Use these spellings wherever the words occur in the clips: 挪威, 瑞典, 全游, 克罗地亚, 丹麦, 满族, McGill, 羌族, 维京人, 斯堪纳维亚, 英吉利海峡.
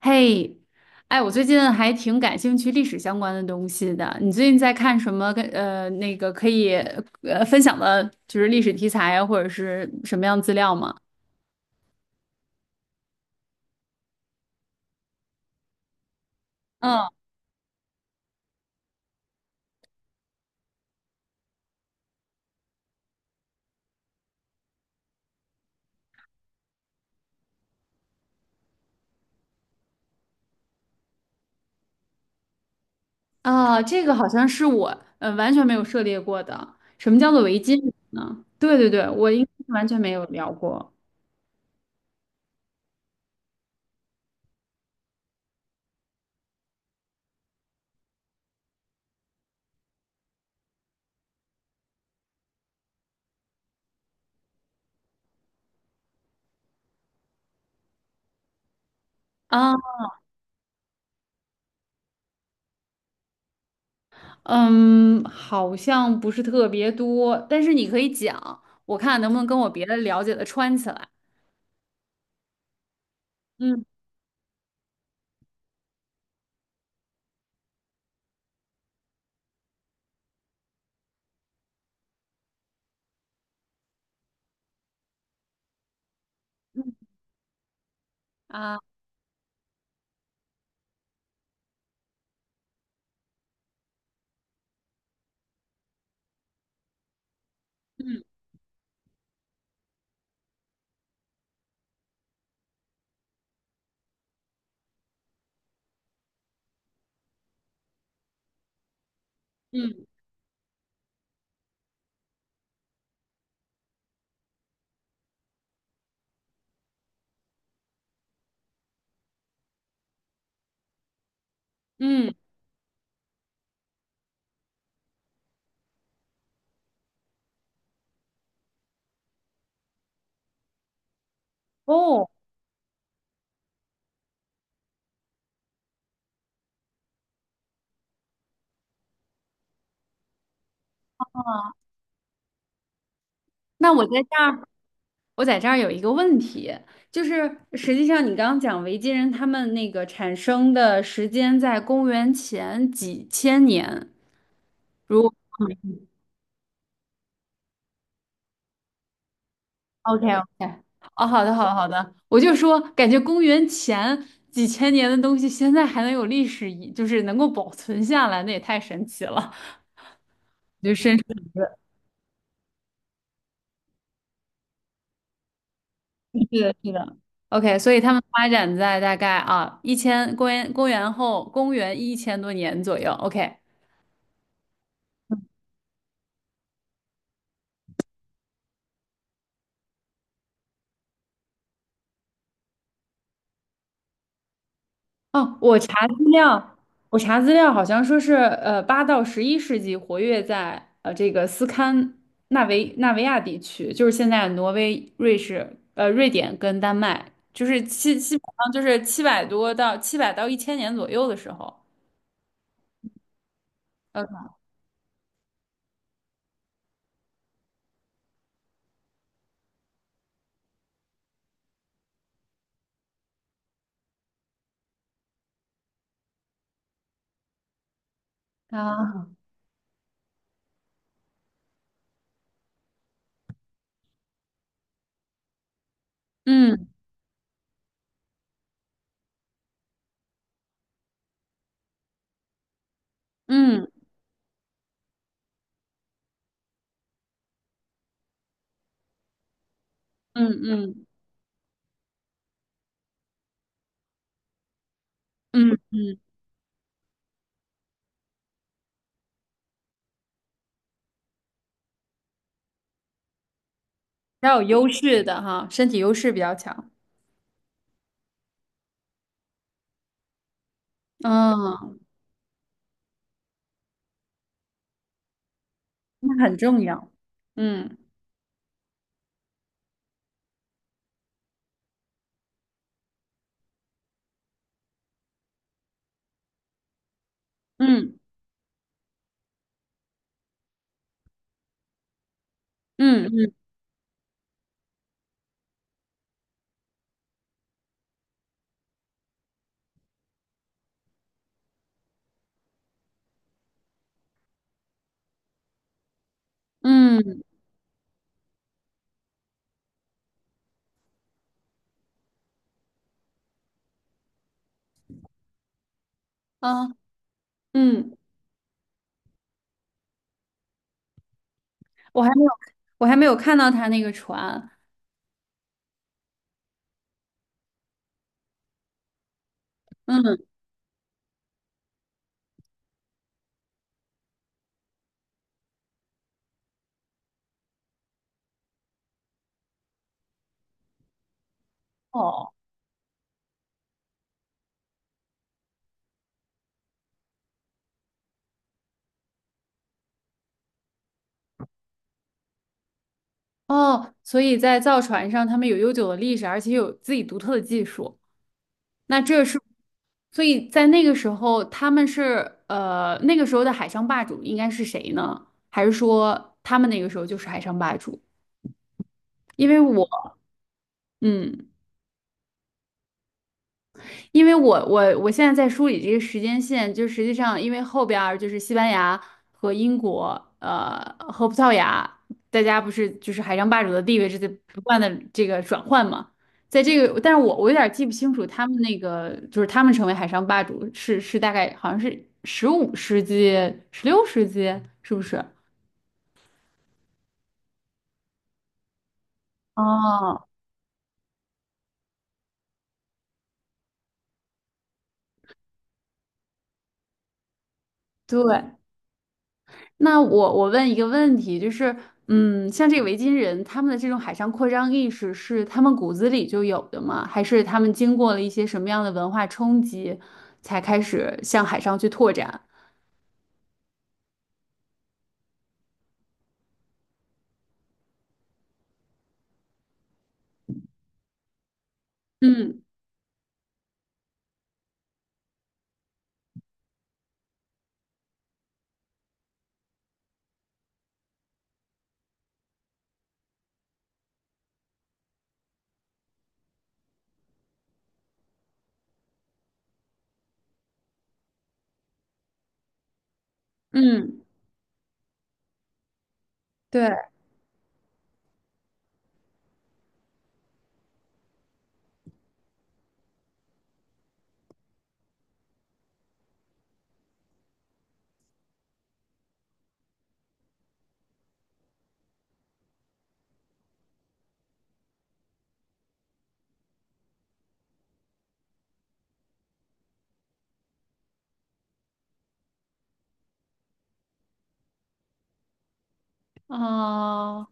嘿，哎，我最近还挺感兴趣历史相关的东西的。你最近在看什么跟？那个可以分享的，就是历史题材啊或者是什么样资料吗？嗯，啊，这个好像是我完全没有涉猎过的。什么叫做维京呢？对对对，我应该是完全没有聊过啊。嗯，好像不是特别多，但是你可以讲，我看能不能跟我别的了解的穿起来。嗯啊，嗯嗯嗯。哦，那我在这儿有一个问题，就是实际上你刚刚讲维京人他们那个产生的时间在公元前几千年，如 OK OK，哦，好的好的好的，我就说感觉公元前几千年的东西现在还能有历史遗，就是能够保存下来，那也太神奇了，就深深 是的，是的。OK，所以他们发展在大概啊一千公元公元后公元1000多年左右。OK。哦，我查资料好像说是，8到11世纪活跃在这个斯堪纳维亚地区，就是现在挪威、瑞士、瑞典跟丹麦，就是基本上就是700到1000年左右的时候。呃啊，嗯嗯嗯嗯嗯，比较有优势的哈，身体优势比较强，嗯，那很重要，嗯嗯嗯嗯嗯啊嗯。我还没有，我还没有看到他那个船。嗯，哦哦，所以在造船上，他们有悠久的历史，而且有自己独特的技术。那这是，所以在那个时候，他们是那个时候的海上霸主应该是谁呢？还是说他们那个时候就是海上霸主？因为我，嗯。因为我现在在梳理这个时间线，就实际上因为后边儿就是西班牙和英国，呃，和葡萄牙，大家不是就是海上霸主的地位是在不断的这个转换嘛，在这个，但是我有点儿记不清楚他们那个就是他们成为海上霸主是大概好像是15世纪、16世纪，是不是？哦，对，那我问一个问题，就是，嗯，像这个维京人，他们的这种海上扩张意识是他们骨子里就有的吗？还是他们经过了一些什么样的文化冲击，才开始向海上去拓展？嗯嗯，对。啊，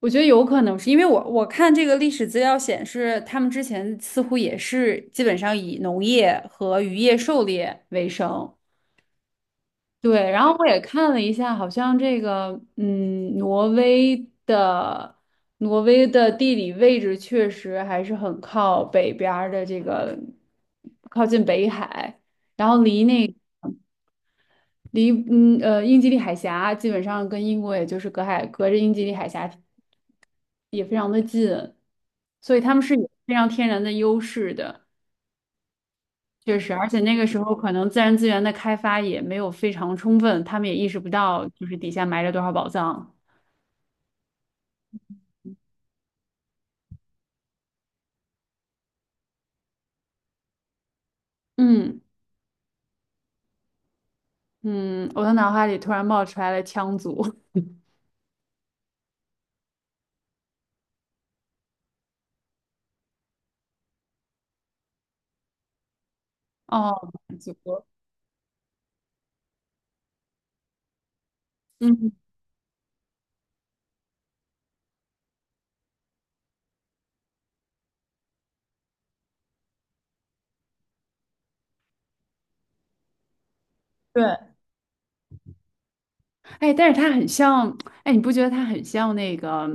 我觉得有可能是因为我看这个历史资料显示，他们之前似乎也是基本上以农业和渔业狩猎为生，对，然后我也看了一下，好像这个，嗯，的挪威的地理位置确实还是很靠北边儿的，这个靠近北海，然后离英吉利海峡基本上跟英国也就是隔着英吉利海峡，所以他们是有非常天然的优势的，确实，而且那个时候可能自然资源的开发也没有非常充分，他们也意识不到就是底下埋着多少宝藏，嗯。嗯，我的脑海里突然冒出来了羌族。哦，满族。嗯，对。哎，但是他很像，哎，你不觉得他很像那个，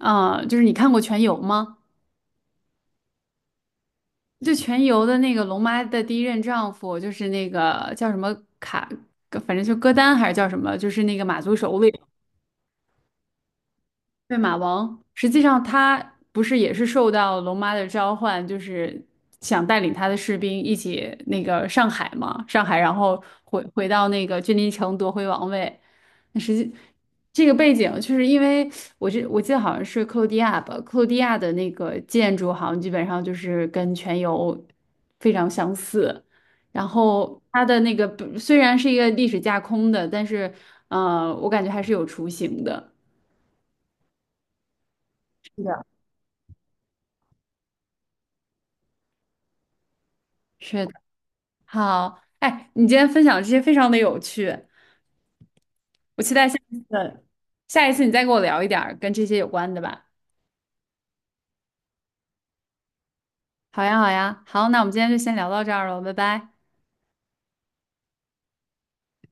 啊？就是你看过《全游》吗？就《全游》的那个龙妈的第一任丈夫，就是那个叫什么卡，反正就歌丹还是叫什么，就是那个马族首领。对，马王，实际上他不是也是受到龙妈的召唤，就是想带领他的士兵一起那个上海嘛，上海，然后回到那个君临城夺回王位。那实际这个背景，就是因为我记得好像是克罗地亚吧，克罗地亚的那个建筑好像基本上就是跟全游非常相似。然后它的那个虽然是一个历史架空的，但是我感觉还是有雏形的。是的，是的。好，哎，你今天分享这些非常的有趣，我期待下一次，下一次你再给我聊一点儿跟这些有关的吧。好呀，好呀，好，那我们今天就先聊到这儿了，拜拜。